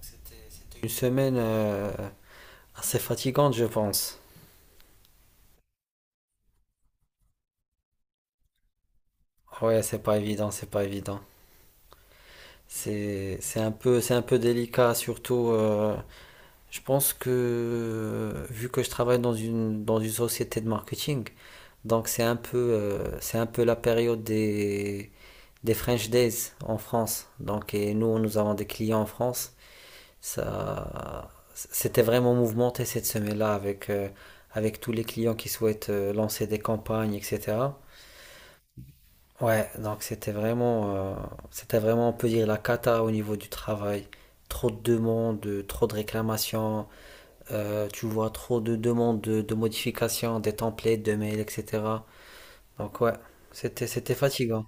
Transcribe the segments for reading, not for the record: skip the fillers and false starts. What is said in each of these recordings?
C'était une semaine assez fatigante, je pense. Ouais, c'est pas évident, c'est pas évident. C'est un peu, c'est un peu délicat, surtout. Je pense que vu que je travaille dans une société de marketing, donc c'est un peu la période des French Days en France. Donc, et nous avons des clients en France. Ça, c'était vraiment mouvementé cette semaine-là avec, avec tous les clients qui souhaitent lancer des campagnes, etc. Ouais, donc c'était c'était vraiment, on peut dire, la cata au niveau du travail. Trop de demandes, trop de réclamations, tu vois trop de demandes de modifications, des templates, de mails, etc. Donc ouais, c'était fatigant.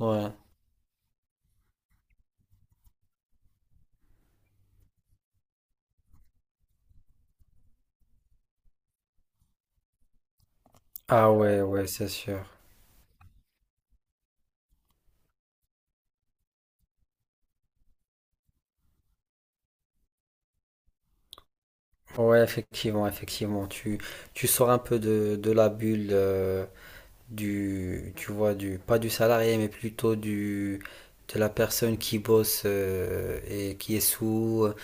Ouais. Ah ouais, ouais, c'est sûr. Ouais, effectivement, effectivement. Tu sors un peu de la bulle du, pas du salarié, mais plutôt du, de la personne qui bosse et qui est sous.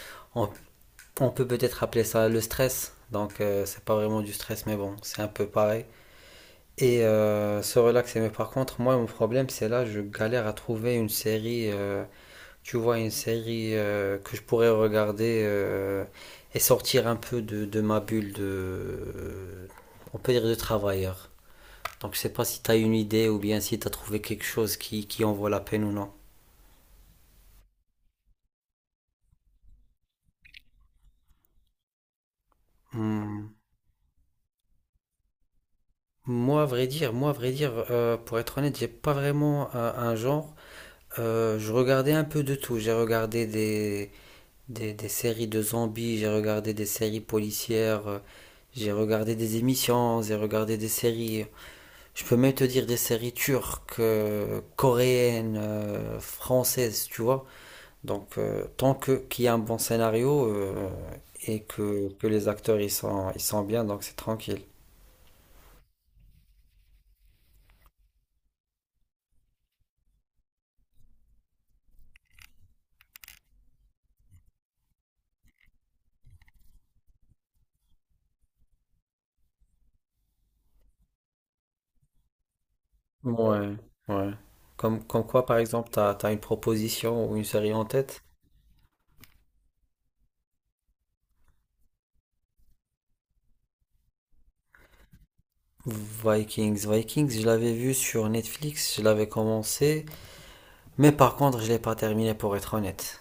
On peut peut-être appeler ça le stress. Donc, c'est pas vraiment du stress, mais bon, c'est un peu pareil. Et se relaxer. Mais par contre, moi, mon problème, c'est là, je galère à trouver une série. Tu vois, une série que je pourrais regarder et sortir un peu de ma bulle de. On peut dire de travailleur. Donc, je sais pas si tu as une idée ou bien si tu as trouvé quelque chose qui en vaut la peine ou non. Hmm. Moi, à vrai dire, pour être honnête, j'ai pas vraiment un genre. Je regardais un peu de tout. J'ai regardé des séries de zombies, j'ai regardé des séries policières, j'ai regardé des émissions, j'ai regardé des séries. Je peux même te dire des séries turques, coréennes, françaises, tu vois. Donc, tant que qu'il y a un bon scénario et que les acteurs ils sont bien, donc c'est tranquille. Ouais, ouais. Comme quoi, par exemple, t'as une proposition ou une série en tête? Vikings, Vikings, je l'avais vu sur Netflix, je l'avais commencé, mais par contre, je l'ai pas terminé pour être honnête.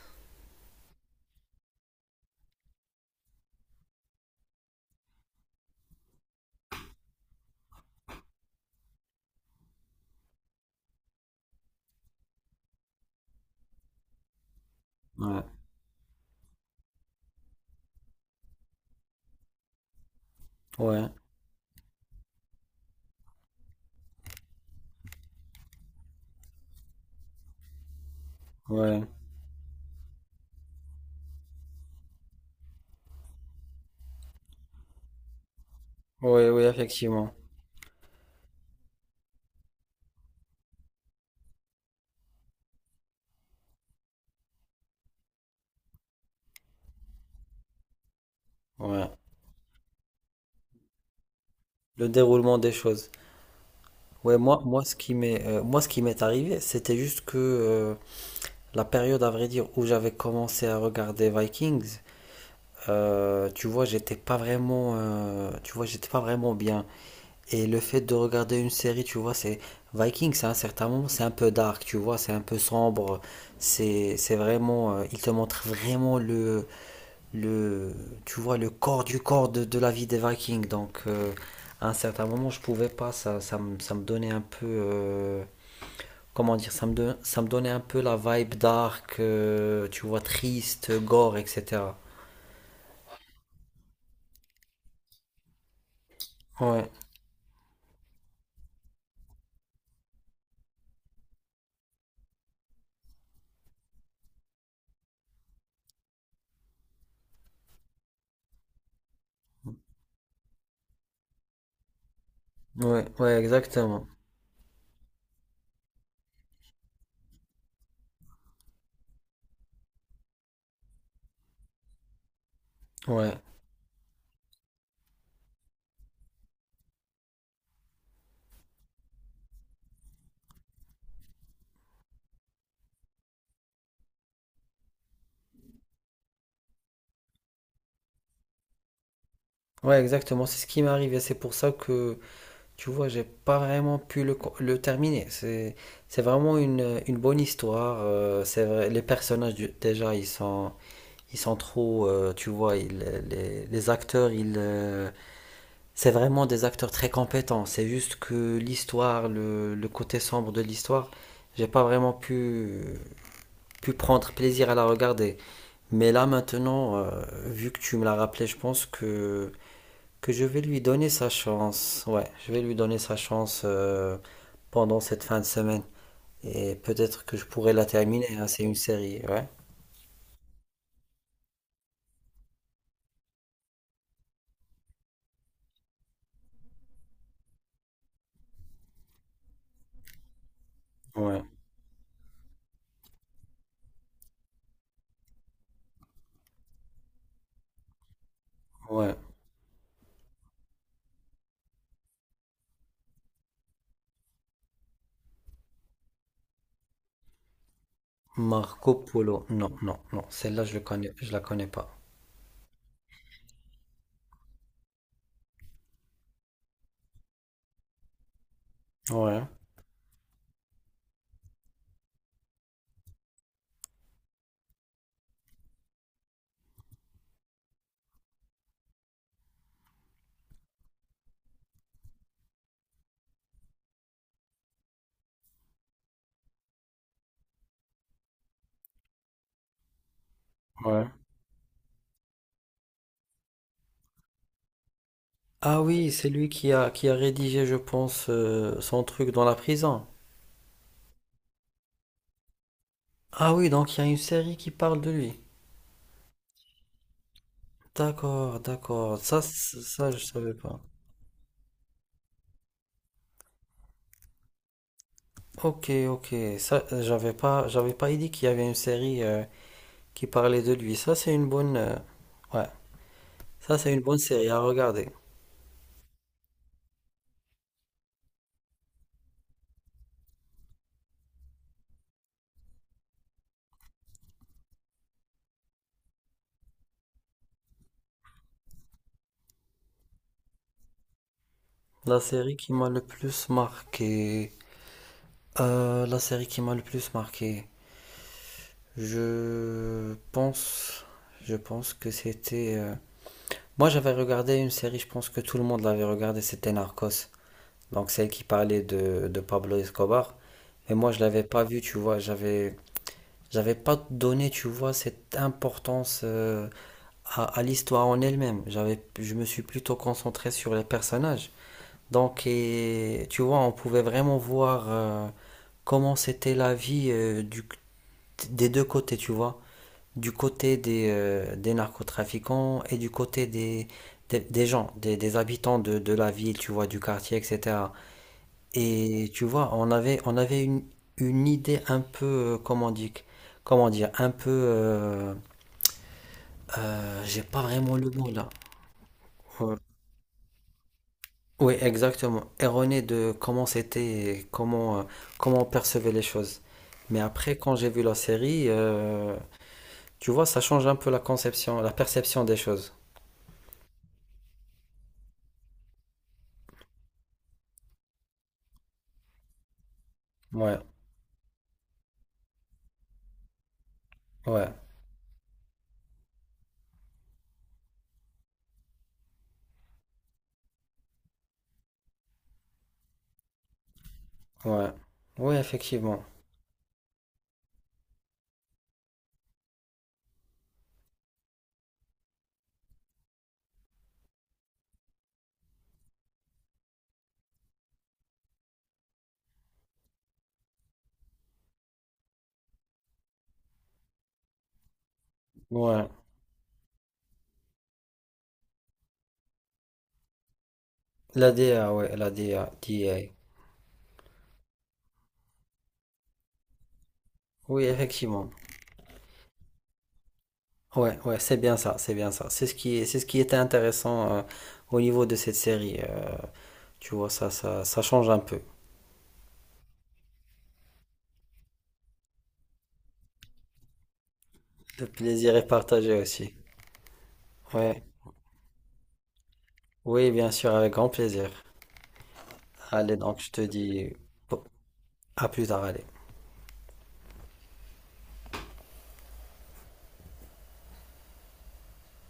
Ouais, ouais, ouais, ouais, ouais, effectivement. Ouais. Le déroulement des choses. Ouais, moi, ce qui moi, ce qui m'est arrivé, c'était juste que la période, à vrai dire, où j'avais commencé à regarder Vikings, tu vois, j'étais pas tu vois, j'étais pas vraiment bien. Et le fait de regarder une série, tu vois, c'est Vikings, à un certain moment, c'est un peu dark, tu vois, c'est un peu sombre. C'est vraiment, il te montre vraiment le, tu vois, le corps du corps de la vie des Vikings. Donc, à un certain moment, je pouvais pas, ça me donnait un peu, comment dire, ça me donnait un peu la vibe dark, tu vois, triste, gore, etc. Ouais, ouais, ouais, exactement. Ouais, ouais, exactement. C'est ce qui m'est arrivé. C'est pour ça que tu vois, j'ai pas vraiment pu le terminer. C'est vraiment une bonne histoire. C'est vrai, les personnages, déjà, ils sont trop. Tu vois, les acteurs, c'est vraiment des acteurs très compétents. C'est juste que l'histoire, le côté sombre de l'histoire, j'ai pas vraiment pu prendre plaisir à la regarder. Mais là, maintenant, vu que tu me l'as rappelé, je pense que je vais lui donner sa chance. Ouais, je vais lui donner sa chance pendant cette fin de semaine. Et peut-être que je pourrais la terminer, hein, c'est une série, ouais. Ouais, ouais. Marco Polo. Non, non, non. Celle-là, je le connais, je la connais pas. Ouais, ouais. Ah oui, c'est lui qui a rédigé, je pense, son truc dans la prison. Ah oui, donc il y a une série qui parle de lui. D'accord, d'accord. Ça, je savais pas. Ok, ok. Ça, j'avais pas idée qu'il y avait une série qui parlait de lui. Ça, c'est une bonne, ouais, ça, c'est une bonne série à regarder. La série qui m'a le plus marqué, la série qui m'a le plus marqué, je pense, je pense que moi, j'avais regardé une série, je pense que tout le monde l'avait regardée, c'était Narcos. Donc celle qui parlait de Pablo Escobar. Mais moi, je l'avais pas vue, tu vois, j'avais pas donné, tu vois, cette importance. À, à l'histoire en elle-même. J'avais, je me suis plutôt concentré sur les personnages. Donc, et, tu vois, on pouvait vraiment voir comment c'était la vie du, des deux côtés, tu vois. Du côté des narcotrafiquants et du côté des gens, des habitants de la ville, tu vois, du quartier, etc. Et tu vois, on avait une idée un peu, euh, comment dire, comment dire, un peu, j'ai pas vraiment le mot là. Euh, Oui, exactement. Erroné de comment c'était, et comment, comment on percevait les choses. Mais après, quand j'ai vu la série, tu vois, ça change un peu la conception, la perception des choses. Ouais, ouais, ouais. Oui, effectivement. Ouais. La DA, ouais, la DA, DA. Oui, effectivement. Ouais, ouais, c'est bien ça, c'est bien ça. C'est ce c'est ce qui était intéressant au niveau de cette série. Tu vois, ça change un peu. Le plaisir est partagé aussi. Ouais. Oui, bien sûr, avec grand plaisir. Allez, donc je te dis à plus tard, allez.